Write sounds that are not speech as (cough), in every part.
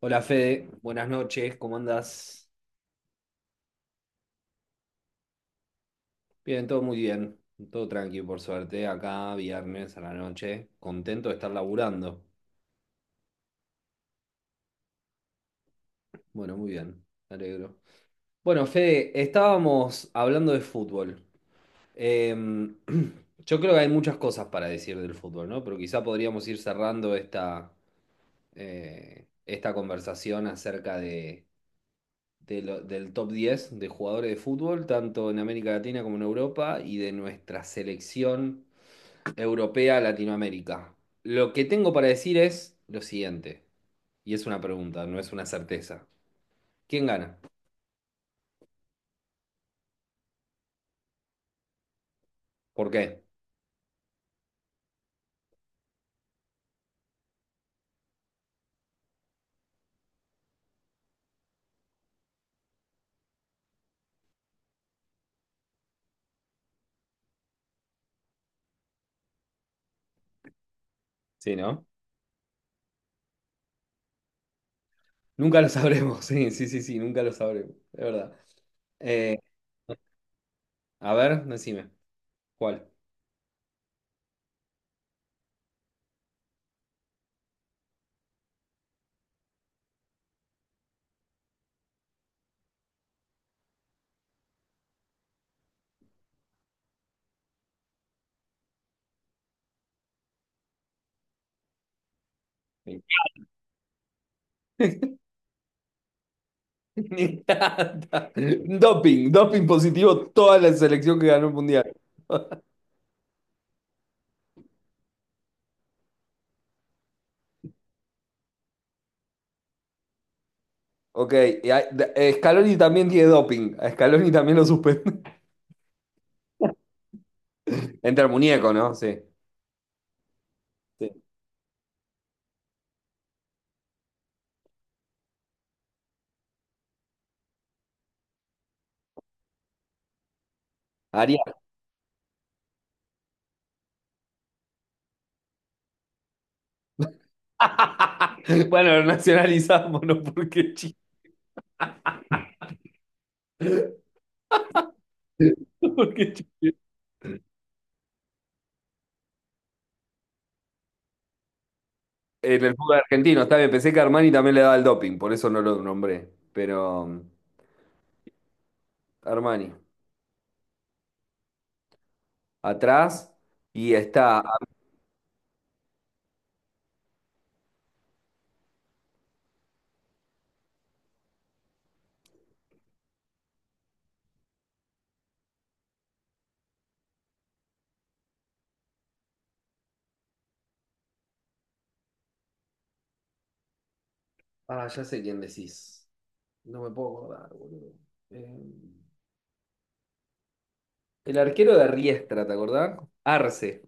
Hola Fede, buenas noches, ¿cómo andás? Bien, todo muy bien, todo tranquilo por suerte, acá viernes a la noche, contento de estar laburando. Bueno, muy bien, me alegro. Bueno, Fede, estábamos hablando de fútbol. Em, (clears throat) yo creo que hay muchas cosas para decir del fútbol, ¿no? Pero quizá podríamos ir cerrando esta conversación acerca del top 10 de jugadores de fútbol, tanto en América Latina como en Europa, y de nuestra selección europea, Latinoamérica. Lo que tengo para decir es lo siguiente, y es una pregunta, no es una certeza. ¿Quién gana? ¿Por qué? Sí, ¿no? Nunca lo sabremos, (laughs) sí, sí, sí, sí, nunca lo sabremos, es verdad. Eh, a ver, decime, ¿cuál? Sí. (laughs) Me encanta. Doping, doping positivo, toda la selección que ganó el mundial. (laughs) Ok, Scaloni también tiene doping. A Scaloni también lo suspende. (laughs) Entre el muñeco, ¿no? Sí. Sí. Haría (laughs) Bueno, lo nacionalizamos, ¿no?, porque Chile. (laughs) Porque Chile- En el fútbol argentino, está bien. Pensé que Armani también le daba el doping, por eso no lo nombré. Pero Armani, atrás. Y está. Ah, ya sé quién decís. No me puedo acordar, boludo. Eh, el arquero de Riestra, ¿te acordás? Arce.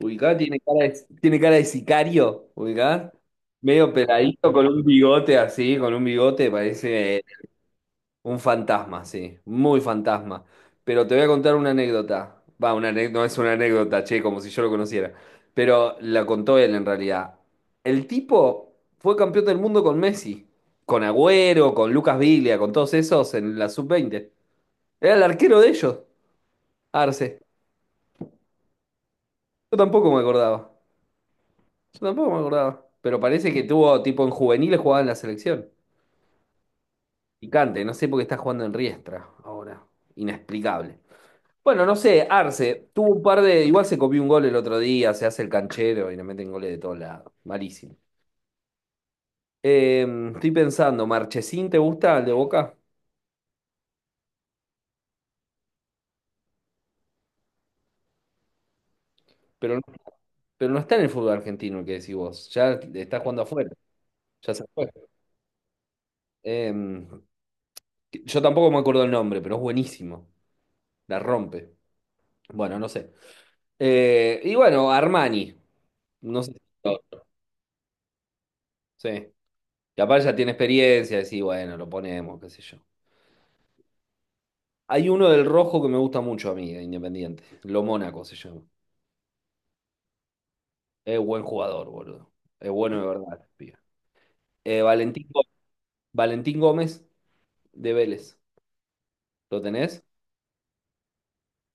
Ubicá, tiene cara de sicario. Ubicá. Medio peladito con un bigote así, con un bigote, parece. Un fantasma, sí, muy fantasma. Pero te voy a contar una anécdota. Va, no es una anécdota, che, como si yo lo conociera. Pero la contó él en realidad. El tipo fue campeón del mundo con Messi, con Agüero, con Lucas Viglia, con todos esos en la sub 20. Era el arquero de ellos, Arce. Yo tampoco me acordaba. Yo tampoco me acordaba. Pero parece que tuvo, tipo, en juveniles jugaba en la selección. Picante, no sé por qué está jugando en Riestra ahora. Inexplicable. Bueno, no sé, Arce, tuvo un par de. Igual se copió un gol el otro día, se hace el canchero y le meten goles de todos lados. Malísimo. Eh, Estoy pensando, ¿Marchesín te gusta el de Boca? Pero, pero no está en el fútbol argentino, el que decís vos. Ya está jugando afuera, ya se fue. Eh, yo tampoco me acuerdo el nombre, pero es buenísimo. La rompe. Bueno, no sé. Y bueno, Armani. No sé. Sí. Capaz ya tiene experiencia, decís, bueno, lo ponemos, qué sé yo. Hay uno del rojo que me gusta mucho a mí, de Independiente. Lo Mónaco se llama. Es buen jugador, boludo. Es bueno de verdad, pibe. Eh, Valentín, Gó- Valentín Gómez de Vélez. ¿Lo tenés?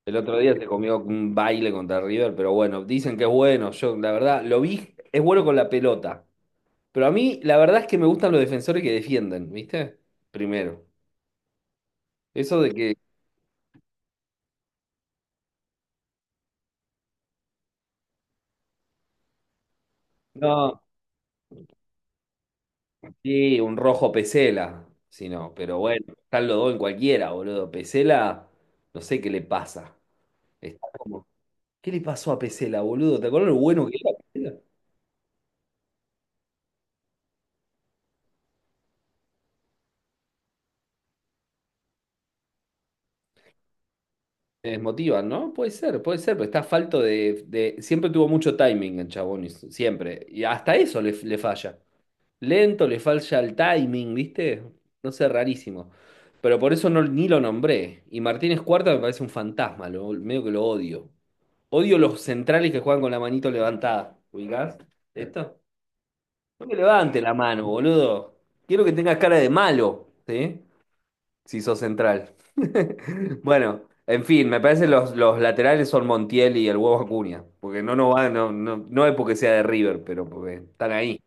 El otro día se comió un baile contra River, pero bueno, dicen que es bueno. Yo, la verdad, lo vi, es bueno con la pelota. Pero a mí, la verdad es que me gustan los defensores que defienden, ¿viste? Primero. Eso de que. No. Sí, un rojo Pesela, si no, pero bueno, están los dos en cualquiera, boludo. Pesela, no sé qué le pasa. Está como, ¿qué le pasó a Pesela, boludo? ¿Te acuerdas lo bueno que era Pesela? Te desmotivan, ¿no? Puede ser, pero está falto siempre tuvo mucho timing el chabón, siempre. Y hasta eso le falla. Lento, le falla el timing, ¿viste? No sé, rarísimo. Pero por eso no, ni lo nombré. Y Martínez Cuarta me parece un fantasma, medio que lo odio. Odio los centrales que juegan con la manito levantada. ¿Ubicás? ¿Esto? No me levante la mano, boludo. Quiero que tengas cara de malo, ¿sí? Si sos central. (laughs) Bueno, en fin, me parece los laterales son Montiel y el huevo Acuña. Porque no, no va, no, no, no es porque sea de River, pero porque están ahí.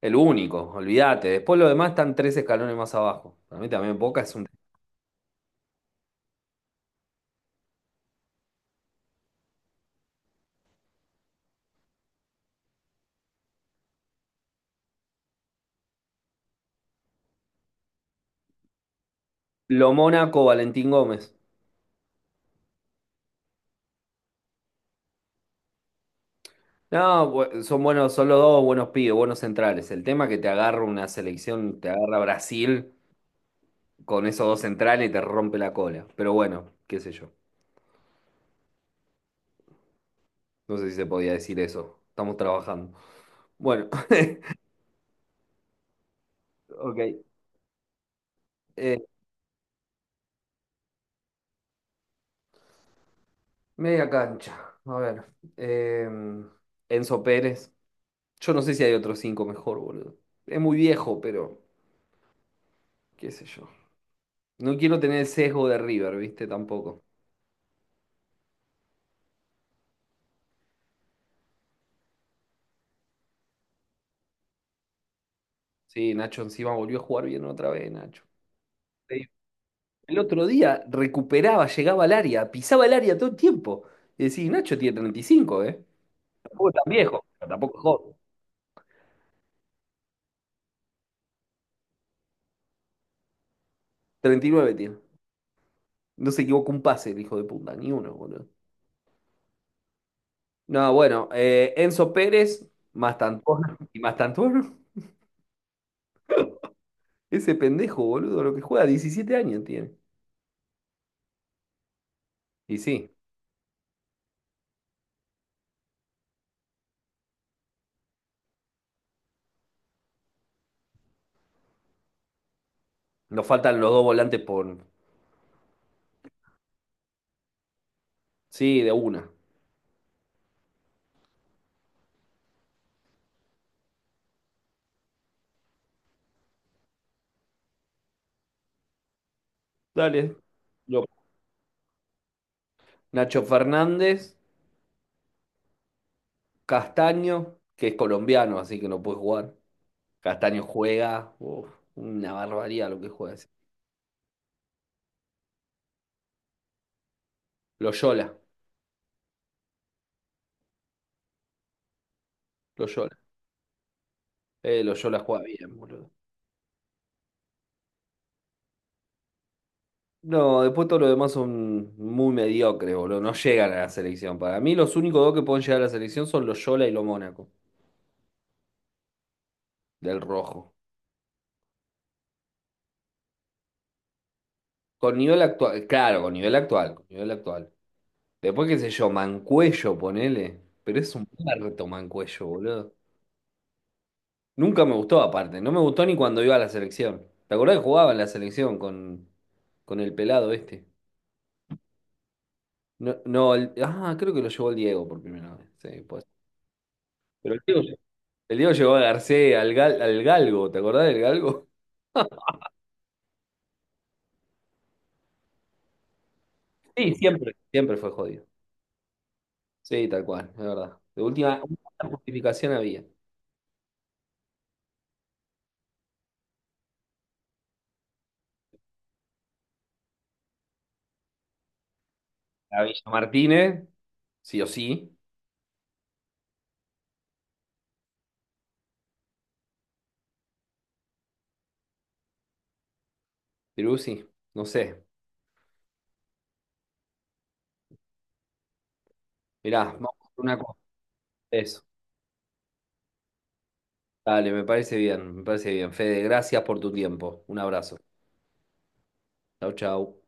El único, olvídate. Después los demás están tres escalones más abajo. Para mí también Boca es un. Lo Mónaco, Valentín Gómez. No, son buenos, son los dos buenos pibes, buenos centrales. El tema es que te agarra una selección, te agarra Brasil con esos dos centrales y te rompe la cola. Pero bueno, qué sé yo. No sé si se podía decir eso. Estamos trabajando. Bueno, (laughs) ok. Eh, Media cancha. A ver. eh, Enzo Pérez. Yo no sé si hay otros cinco mejor, boludo. Es muy viejo, pero qué sé yo. No quiero tener el sesgo de River, ¿viste? Tampoco. Sí, Nacho encima volvió a jugar bien otra vez, Nacho. Sí. El otro día recuperaba, llegaba al área, pisaba el área todo el tiempo. Y decís, Nacho tiene 35, ¿eh? Tampoco es tan viejo, pero tampoco es joven. 39 tiene. No se equivocó un pase, el hijo de puta, ni uno, boludo. No, bueno, Enzo Pérez, Mastantuono (laughs) y Mastantuono. Ese pendejo, boludo, lo que juega, 17 años tiene. Y sí, nos faltan los dos volantes por... Sí, de una. Dale. Yo. Nacho Fernández, Castaño, que es colombiano, así que no puede jugar. Castaño juega, uf, una barbaridad lo que juega ese. Loyola, Loyola. Loyola juega bien, boludo. No, después todo lo demás son muy mediocres, boludo. No llegan a la selección. Para mí, los únicos dos que pueden llegar a la selección son Loyola y lo Mónaco, del rojo. Con nivel actual, claro, con nivel actual, con nivel actual. Después, qué sé yo, Mancuello, ponele. Pero es un muerto Mancuello, boludo. Nunca me gustó, aparte. No me gustó ni cuando iba a la selección. ¿Te acordás que jugaba en la selección con el pelado este? No, no, ah, creo que lo llevó el Diego por primera vez. Sí, pues. Pero el Diego llevó a Garcés, al Galgo, ¿te acordás del Galgo? Sí, siempre. Siempre fue jodido. Sí, tal cual, es verdad. De última, una justificación había. La Villa Martínez, sí o sí. Peruzzi, no sé. Mirá, vamos a hacer una cosa. Eso. Dale, me parece bien, me parece bien. Fede, gracias por tu tiempo. Un abrazo. Chau, chau.